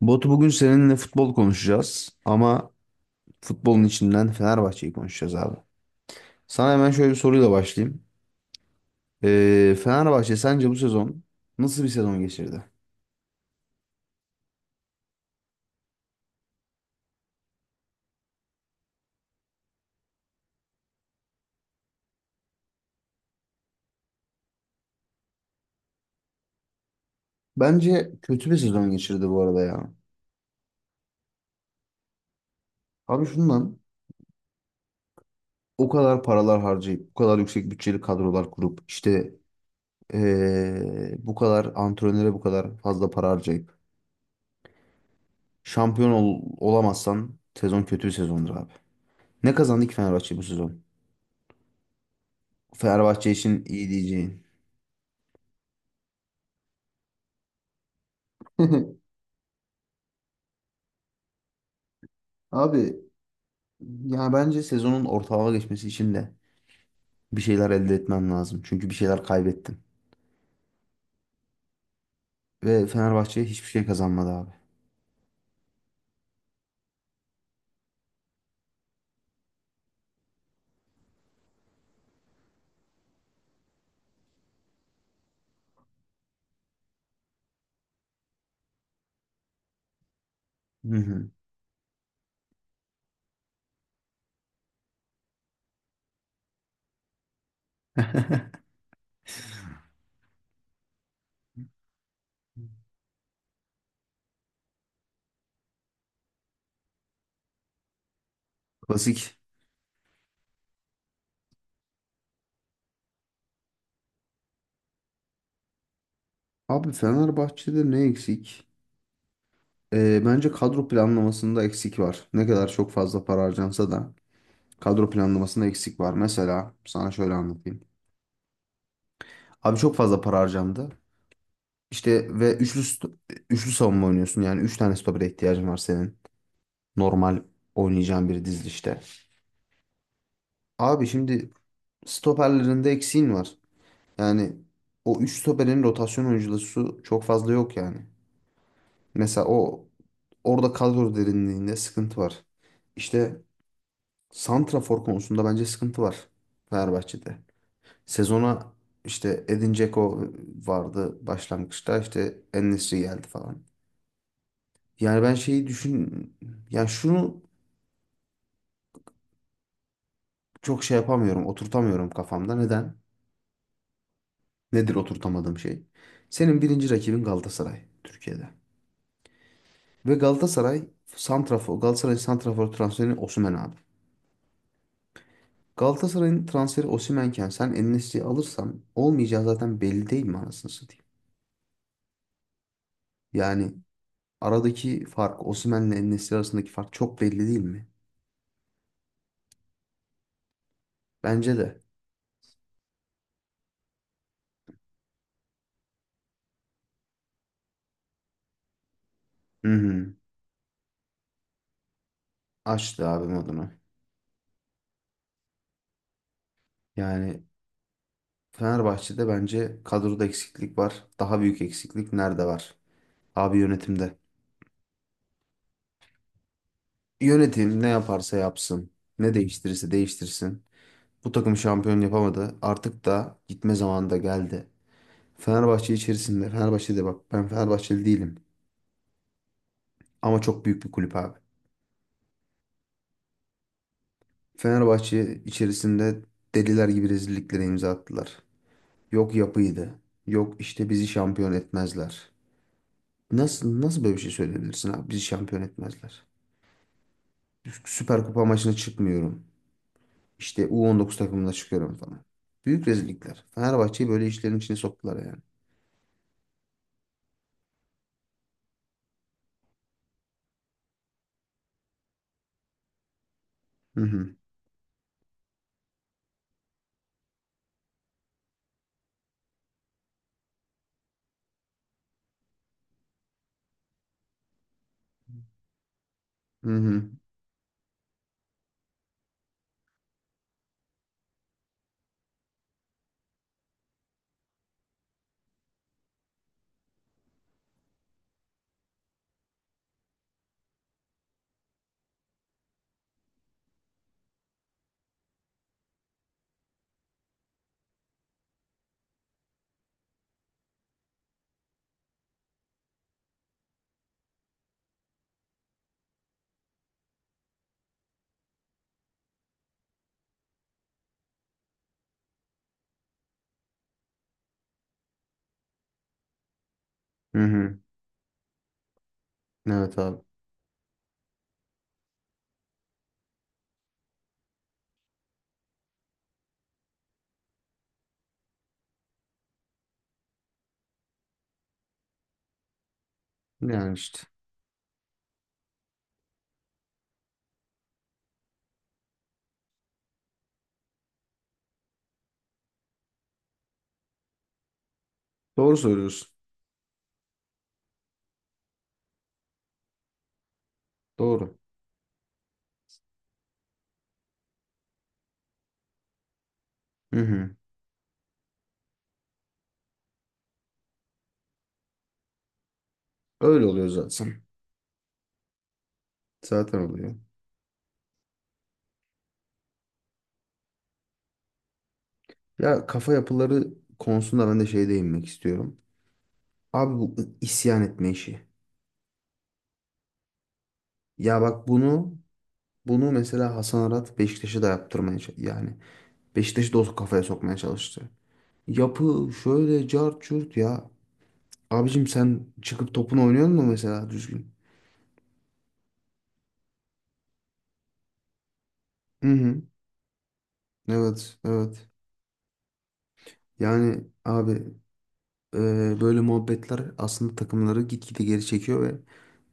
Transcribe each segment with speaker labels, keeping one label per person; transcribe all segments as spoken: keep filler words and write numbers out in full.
Speaker 1: Batu bugün seninle futbol konuşacağız ama futbolun içinden Fenerbahçe'yi konuşacağız abi. Sana hemen şöyle bir soruyla başlayayım. Ee, Fenerbahçe sence bu sezon nasıl bir sezon geçirdi? Bence kötü bir sezon geçirdi bu arada ya. Abi şundan o kadar paralar harcayıp, bu kadar yüksek bütçeli kadrolar kurup, işte ee, bu kadar antrenöre bu kadar fazla para harcayıp şampiyon ol- olamazsan sezon kötü bir sezondur abi. Ne kazandı ki Fenerbahçe bu sezon? Fenerbahçe için iyi diyeceğin. Abi yani bence sezonun ortalığa geçmesi için de bir şeyler elde etmem lazım. Çünkü bir şeyler kaybettim. Ve Fenerbahçe hiçbir şey kazanmadı abi. Hı hı. Klasik. Abi Fenerbahçe'de ne eksik? Ee, bence kadro planlamasında eksik var. Ne kadar çok fazla para harcansa da kadro planlamasında eksik var. Mesela sana şöyle anlatayım. Abi çok fazla para harcandı. İşte ve üçlü st- üçlü savunma oynuyorsun. Yani üç tane stopere ihtiyacın var senin. Normal oynayacağın bir dizilişte. Abi şimdi stoperlerinde eksiğin var. Yani o üç stoperin rotasyon oyuncusu çok fazla yok yani. Mesela o orada kadro derinliğinde sıkıntı var. İşte santrafor konusunda bence sıkıntı var Fenerbahçe'de. Sezona işte Edin Dzeko vardı başlangıçta işte en geldi falan. Yani ben şeyi düşün yani şunu çok şey yapamıyorum, oturtamıyorum kafamda. Neden? Nedir oturtamadığım şey? Senin birinci rakibin Galatasaray Türkiye'de. Ve Galatasaray santrafor, Galatasaray santrafor transferi Osimhen abi. Galatasaray'ın transferi Osimhen'ken sen En-Nesyri'yi alırsan olmayacağı zaten belli değil mi anasını satayım? Yani aradaki fark Osimhen'le En-Nesyri arasındaki fark çok belli değil mi? Bence de. Hı hı. Açtı abi modunu. Yani Fenerbahçe'de bence kadroda eksiklik var. Daha büyük eksiklik nerede var? Abi yönetimde. Yönetim ne yaparsa yapsın. Ne değiştirirse değiştirsin. Bu takım şampiyon yapamadı. Artık da gitme zamanı da geldi. Fenerbahçe içerisinde, Fenerbahçe'de bak ben Fenerbahçeli değilim. Ama çok büyük bir kulüp abi. Fenerbahçe içerisinde deliler gibi rezilliklere imza attılar. Yok yapıydı. Yok işte bizi şampiyon etmezler. Nasıl nasıl böyle bir şey söyleyebilirsin abi? Bizi şampiyon etmezler. Süper Kupa maçına çıkmıyorum. İşte U on dokuz takımına çıkıyorum falan. Büyük rezillikler. Fenerbahçe'yi böyle işlerin içine soktular yani. Hı hı. Hı hı. Hı hı. Evet abi. Yani işte. Doğru söylüyorsun. Doğru. Hı hı. Öyle oluyor zaten. Zaten oluyor. Ya kafa yapıları konusunda ben de şey değinmek istiyorum. Abi bu isyan etme işi. Ya bak bunu bunu mesela Hasan Arat Beşiktaş'a da yaptırmaya ç- yani Beşiktaş'ı da o kafaya sokmaya çalıştı. Yapı şöyle cart curt ya. Abicim sen çıkıp topunu oynuyor musun mesela düzgün? Hı hı. Evet, evet. Yani abi Ee, böyle muhabbetler aslında takımları gitgide geri çekiyor ve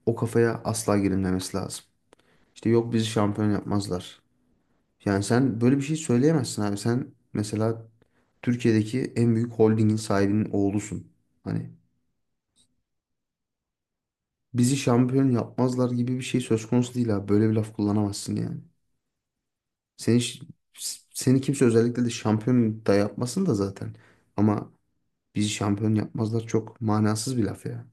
Speaker 1: o kafaya asla girilmemesi lazım. İşte yok bizi şampiyon yapmazlar. Yani sen böyle bir şey söyleyemezsin abi. Sen mesela Türkiye'deki en büyük holdingin sahibinin oğlusun. Hani bizi şampiyon yapmazlar gibi bir şey söz konusu değil abi. Böyle bir laf kullanamazsın yani. Seni, ş- seni kimse özellikle de şampiyon da yapmasın da zaten. Ama bizi şampiyon yapmazlar çok manasız bir laf ya.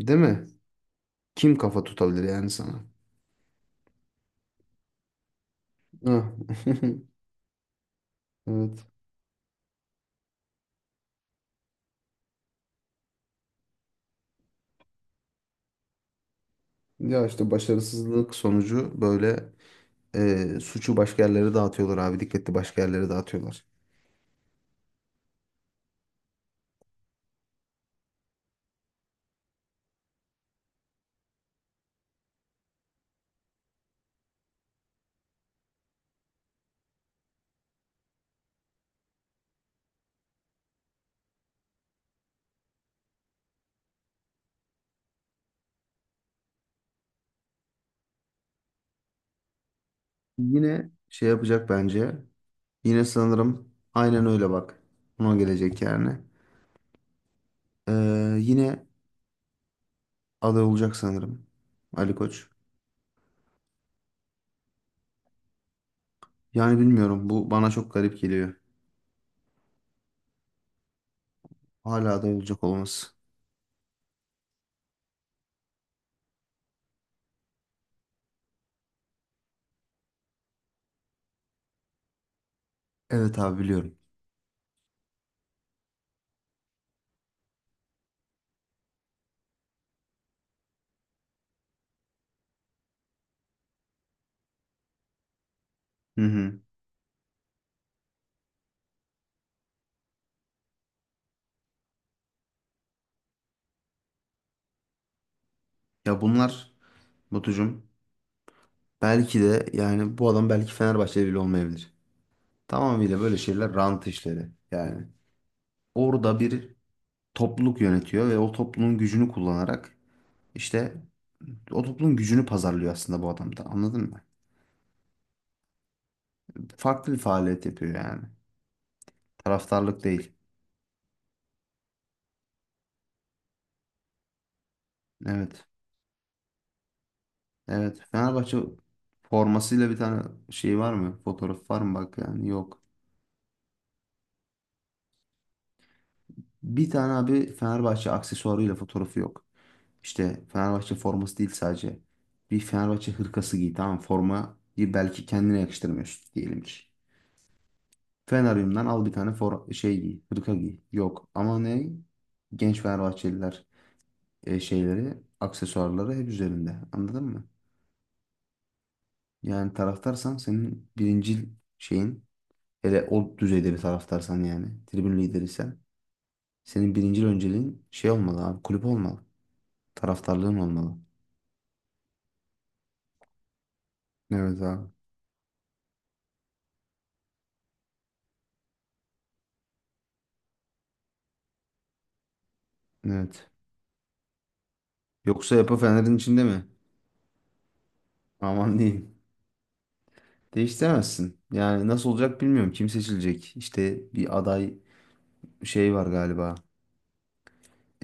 Speaker 1: Değil mi? Kim kafa tutabilir yani sana? Ah, Evet. Ya işte başarısızlık sonucu böyle e, suçu başka yerlere dağıtıyorlar abi. Dikkatli başka yerlere dağıtıyorlar. Yine şey yapacak bence. Yine sanırım aynen öyle bak. Ona gelecek yani. Ee, yine aday olacak sanırım. Ali Koç. Yani bilmiyorum. Bu bana çok garip geliyor. Hala aday olacak olması. Evet abi biliyorum. Hı hı. Ya bunlar Batucuğum belki de yani bu adam belki Fenerbahçeli bile olmayabilir. Tamamıyla böyle şeyler rant işleri. Yani orada bir topluluk yönetiyor ve o topluluğun gücünü kullanarak işte o topluluğun gücünü pazarlıyor aslında bu adam da anladın mı? Farklı bir faaliyet yapıyor yani. Taraftarlık değil. Evet. Evet. Fenerbahçe formasıyla bir tane şey var mı? Fotoğraf var mı? Bak yani yok. Bir tane abi Fenerbahçe aksesuarıyla fotoğrafı yok. İşte Fenerbahçe forması değil sadece. Bir Fenerbahçe hırkası giy tamam mı? Formayı belki kendine yakıştırmıyorsun diyelim ki. Feneryum'dan al bir tane for şey giy, hırka giy. Yok ama ne? Genç Fenerbahçeliler e, şeyleri, aksesuarları hep üzerinde. Anladın mı? Yani taraftarsan senin birincil şeyin hele o düzeyde bir taraftarsan yani tribün lideriysen senin birincil önceliğin şey olmalı abi kulüp olmalı. Taraftarlığın olmalı. Evet abi. Evet. Yoksa yapı Fener'in içinde mi? Aman diyeyim. Değiştiremezsin. Yani nasıl olacak bilmiyorum. Kim seçilecek? İşte bir aday şey var galiba.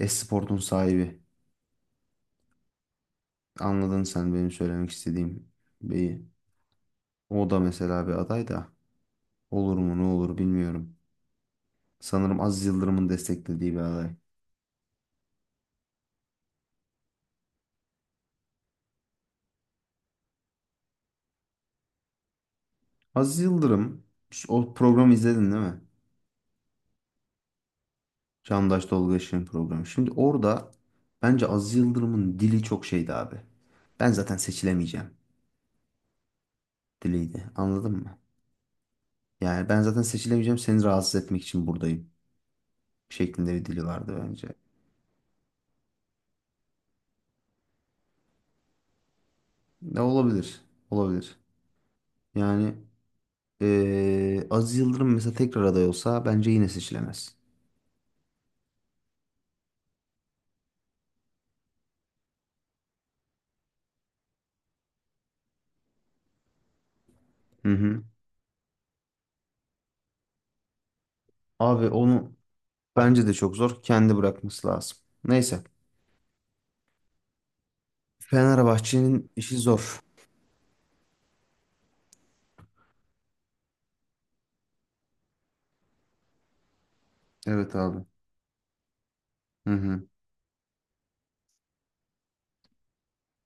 Speaker 1: Esport'un sahibi. Anladın sen benim söylemek istediğim beyi. O da mesela bir aday da. Olur mu ne olur bilmiyorum. Sanırım Aziz Yıldırım'ın desteklediği bir aday. Aziz Yıldırım o programı izledin değil mi? Çağdaş Tolga Işık'ın programı. Şimdi orada bence Aziz Yıldırım'ın dili çok şeydi abi. Ben zaten seçilemeyeceğim diliydi. Anladın mı? Yani ben zaten seçilemeyeceğim seni rahatsız etmek için buradayım şeklinde bir dili vardı bence. Ne olabilir? Olabilir. Yani eee Aziz Yıldırım mesela tekrar aday olsa bence yine seçilemez. Hı hı. Abi onu bence de çok zor. Kendi bırakması lazım. Neyse. Fenerbahçe'nin işi zor. Evet abi. Hı hı.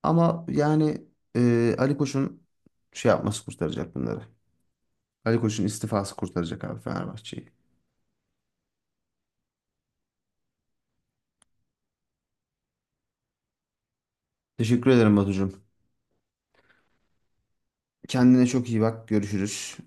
Speaker 1: Ama yani e, Ali Koç'un şey yapması kurtaracak bunları. Ali Koç'un istifası kurtaracak abi Fenerbahçe'yi. Teşekkür ederim Batucuğum. Kendine çok iyi bak. Görüşürüz.